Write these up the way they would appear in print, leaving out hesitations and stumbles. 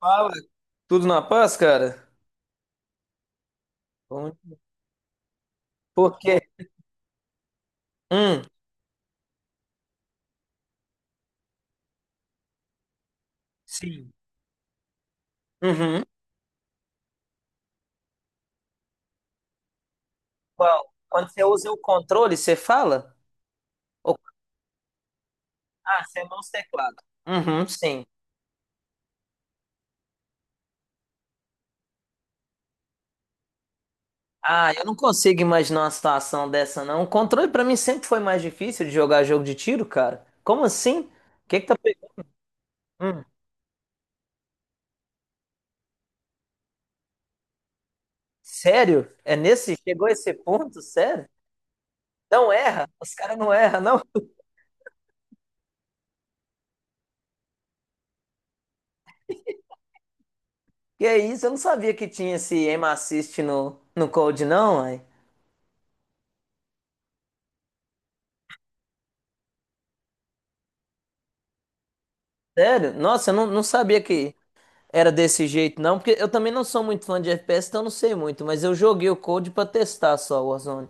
Fala. Tudo na paz, cara? Bom. Porque, hum. Sim. Uhum. Qual? Quando você usa o controle, você fala? Ou- Ah, você é mouse e teclado. Uhum, sim. Ah, eu não consigo imaginar uma situação dessa, não. O controle pra mim sempre foi mais difícil de jogar jogo de tiro, cara. Como assim? O que que tá pegando? Hum, sério? É nesse? Chegou a esse ponto? Sério? Não erra? Os caras não erram, não? Que é isso? Eu não sabia que tinha esse aim assist no Code, não. Sério? Nossa, eu não, não sabia que era desse jeito, não, porque eu também não sou muito fã de FPS, então eu não sei muito, mas eu joguei o Code pra testar só o Warzone.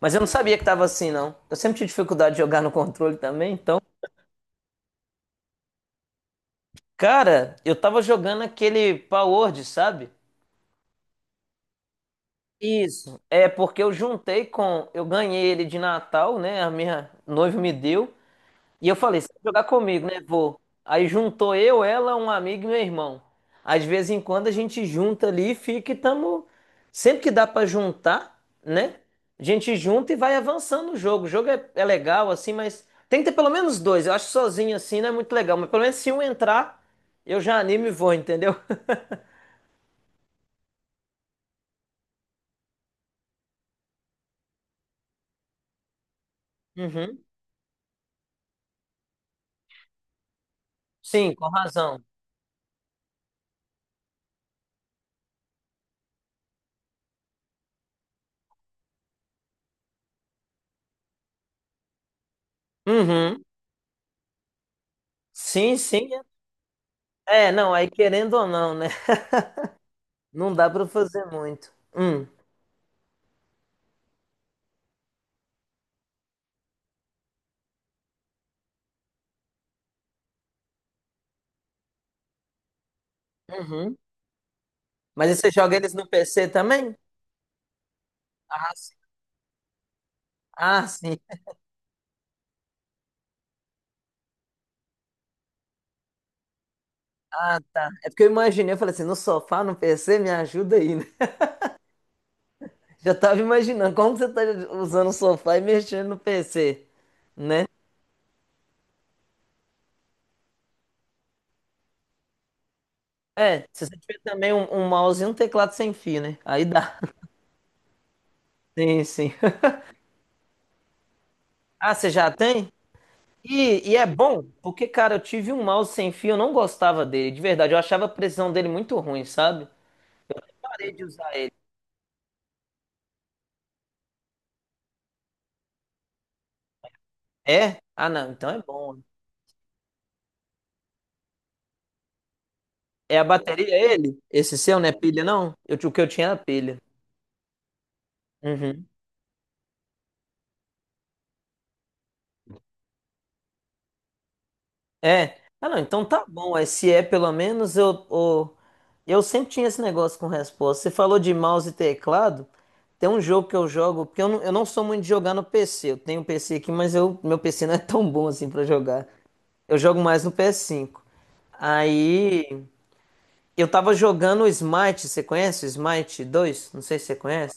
Mas eu não sabia que tava assim, não. Eu sempre tive dificuldade de jogar no controle também, então. Cara, eu tava jogando aquele Palworld, sabe? Isso. É porque eu juntei com. Eu ganhei ele de Natal, né? A minha noiva me deu. E eu falei, você vai jogar comigo, né? Vou. Aí juntou eu, ela, um amigo e meu irmão. Às vezes em quando a gente junta ali e fica e tamo. Sempre que dá pra juntar, né? A gente junta e vai avançando o jogo. O jogo é legal, assim, mas tem que ter pelo menos dois. Eu acho que sozinho assim não é muito legal, mas pelo menos se um entrar, eu já animo e vou, entendeu? Uhum. Sim, com razão. Uhum. Sim, sim. É, é, não, aí querendo ou não, né? Não dá pra fazer muito. Hum. Uhum. Mas aí você joga eles no PC também? Ah, sim. Ah, sim. Ah, tá. É porque eu imaginei, eu falei assim, no sofá, no PC, me ajuda aí, né? Já tava imaginando como que você tá usando o sofá e mexendo no PC, né? É, se você tiver também um mouse e um teclado sem fio, né? Aí dá. Sim, sim. Ah, você já tem? E é bom, porque, cara, eu tive um mouse sem fio, eu não gostava dele, de verdade. Eu achava a precisão dele muito ruim, sabe? Parei de usar ele. É? Ah, não, então é bom. É a bateria ele? Esse seu não é pilha, não? O que eu tinha era pilha. Uhum. É. Ah, não, então tá bom. Aí, se é pelo menos eu sempre tinha esse negócio com resposta. Você falou de mouse e teclado. Tem um jogo que eu jogo, porque eu não sou muito de jogar no PC. Eu tenho um PC aqui, mas meu PC não é tão bom assim pra jogar. Eu jogo mais no PS5. Aí eu tava jogando o Smite, você conhece o Smite 2? Não sei se você conhece.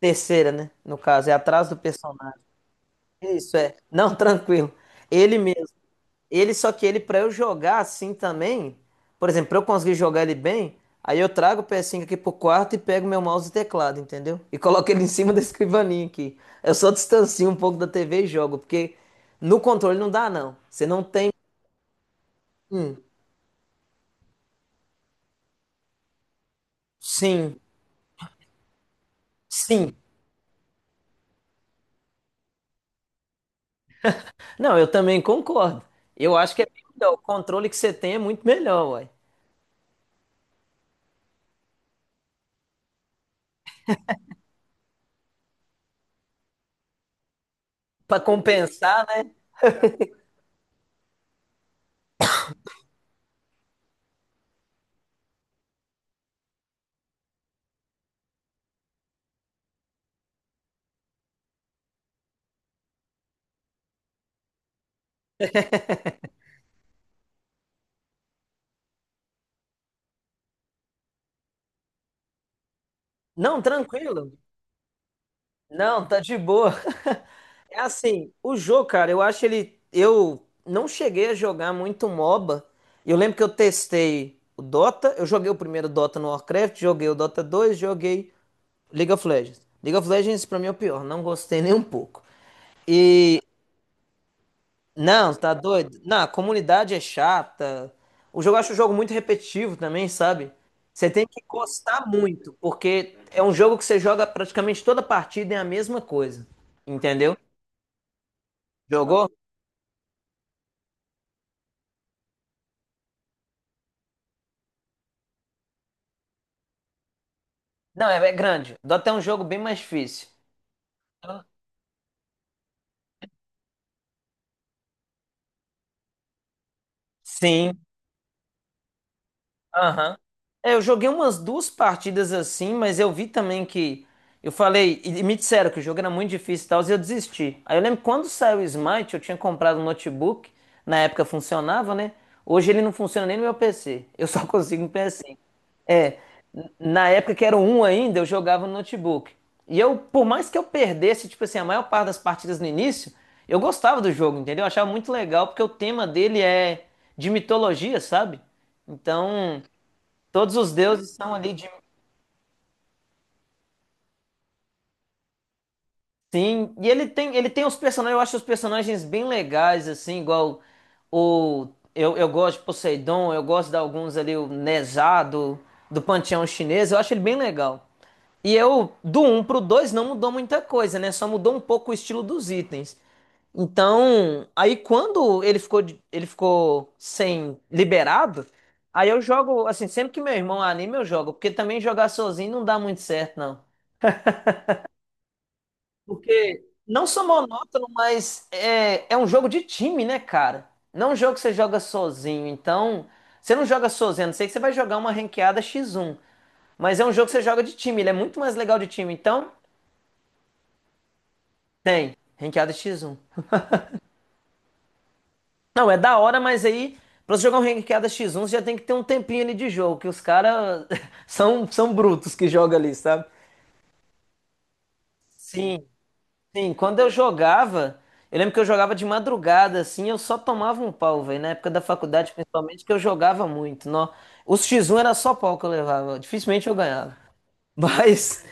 Terceira, né? No caso, é atrás do personagem. Isso é. Não, tranquilo. Ele mesmo. Ele Só que ele para eu jogar assim também, por exemplo, pra eu conseguir jogar ele bem, aí eu trago o PS5 aqui pro quarto e pego meu mouse e teclado, entendeu? E coloco ele em cima da escrivaninha aqui. Eu só distancio um pouco da TV e jogo, porque no controle não dá não. Você não tem. Hum, sim, sim. Não, eu também concordo. Eu acho que é bem melhor. O controle que você tem é muito melhor, ué. Para compensar, né? Não, tranquilo. Não, tá de boa. É assim, o jogo, cara, eu acho ele. Eu não cheguei a jogar muito MOBA. Eu lembro que eu testei o Dota. Eu joguei o primeiro Dota no Warcraft, joguei o Dota dois. Joguei League of Legends. League of Legends, pra mim, é o pior. Não gostei nem um pouco. E não, tá doido? Não, a comunidade é chata. O jogo, eu acho o jogo muito repetitivo também, sabe? Você tem que gostar muito, porque é um jogo que você joga praticamente toda partida é a mesma coisa. Entendeu? Jogou? Não, é grande. Dota é um jogo bem mais difícil. Sim. Aham. É, eu joguei umas duas partidas assim, mas eu vi também que. Eu falei, e me disseram que o jogo era muito difícil e tal, e eu desisti. Aí eu lembro que quando saiu o Smite, eu tinha comprado um notebook, na época funcionava, né? Hoje ele não funciona nem no meu PC, eu só consigo no PS5. É, na época que era o um ainda, eu jogava no notebook. E eu, por mais que eu perdesse, tipo assim, a maior parte das partidas no início, eu gostava do jogo, entendeu? Eu achava muito legal, porque o tema dele é de mitologia, sabe? Então. Todos os deuses são ali de. Sim, e ele tem, os personagens, eu acho os personagens bem legais, assim, igual o. Eu gosto de Poseidon, eu gosto de alguns ali, o Nezá do panteão chinês, eu acho ele bem legal. E eu, do um pro 2 não mudou muita coisa, né? Só mudou um pouco o estilo dos itens. Então, aí quando ele ficou, ele ficou sem liberado, aí eu jogo, assim, sempre que meu irmão anima, eu jogo, porque também jogar sozinho não dá muito certo, não. Porque não só monótono, mas é um jogo de time, né, cara? Não é um jogo que você joga sozinho. Então, você não joga sozinho, a não sei que você vai jogar uma ranqueada X1. Mas é um jogo que você joga de time, ele é muito mais legal de time. Então, tem, ranqueada X1. Não, é da hora, mas aí, pra você jogar um ranqueada X1, você já tem que ter um tempinho ali de jogo, que os caras são, brutos que jogam ali, sabe? Sim, sim, quando eu jogava, eu lembro que eu jogava de madrugada, assim, eu só tomava um pau, velho. Na época da faculdade, principalmente, que eu jogava muito. Nó. Os X1 era só pau que eu levava, dificilmente eu ganhava. Mas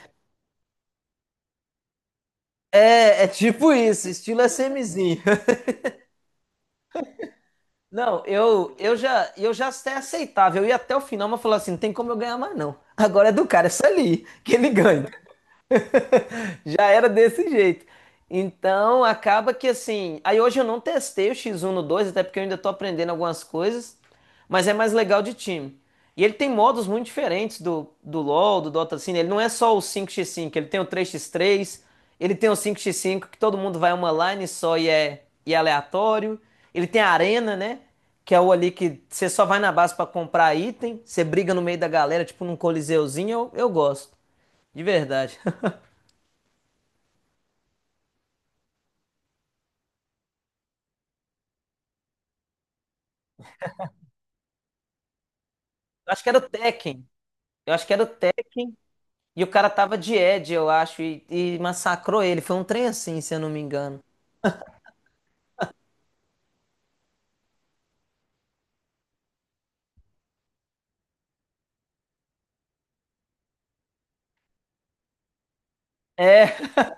é tipo isso, estilo SMzinho. Não, eu já até aceitava, eu ia até o final, mas falava assim, não tem como eu ganhar mais não. Agora é do cara, é isso ali, que ele ganha. Já era desse jeito. Então, acaba que assim. Aí hoje eu não testei o X1 no 2 até porque eu ainda tô aprendendo algumas coisas. Mas é mais legal de time. E ele tem modos muito diferentes do, LoL, do Dota, assim. Ele não é só o 5x5, ele tem o 3x3, ele tem o 5x5 que todo mundo vai uma line só e é aleatório. Ele tem a arena, né? Que é o ali que você só vai na base pra comprar item, você briga no meio da galera, tipo num coliseuzinho. Eu gosto, de verdade. Acho que era o Tekken. Eu acho que era o Tekken e o cara tava de Ed, eu acho, e massacrou ele. Foi um trem assim, se eu não me engano. É,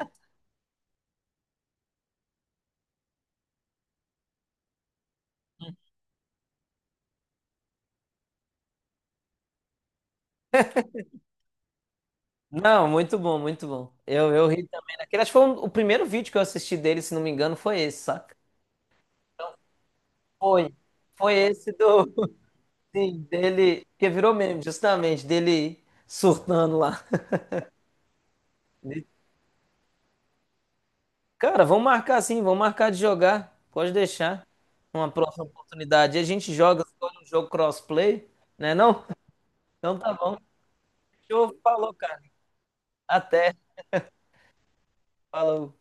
não, muito bom, muito bom. Eu ri também daquele. Acho que foi o primeiro vídeo que eu assisti dele, se não me engano, foi esse, saca? Foi. Foi esse do. Sim, dele. Que virou meme, justamente, dele surtando lá. De- Cara, vamos marcar sim, vamos marcar de jogar. Pode deixar. Uma próxima oportunidade. E a gente joga, escolhe um jogo crossplay, né? Não? Então tá bom. Show, falou, cara. Até. Falou.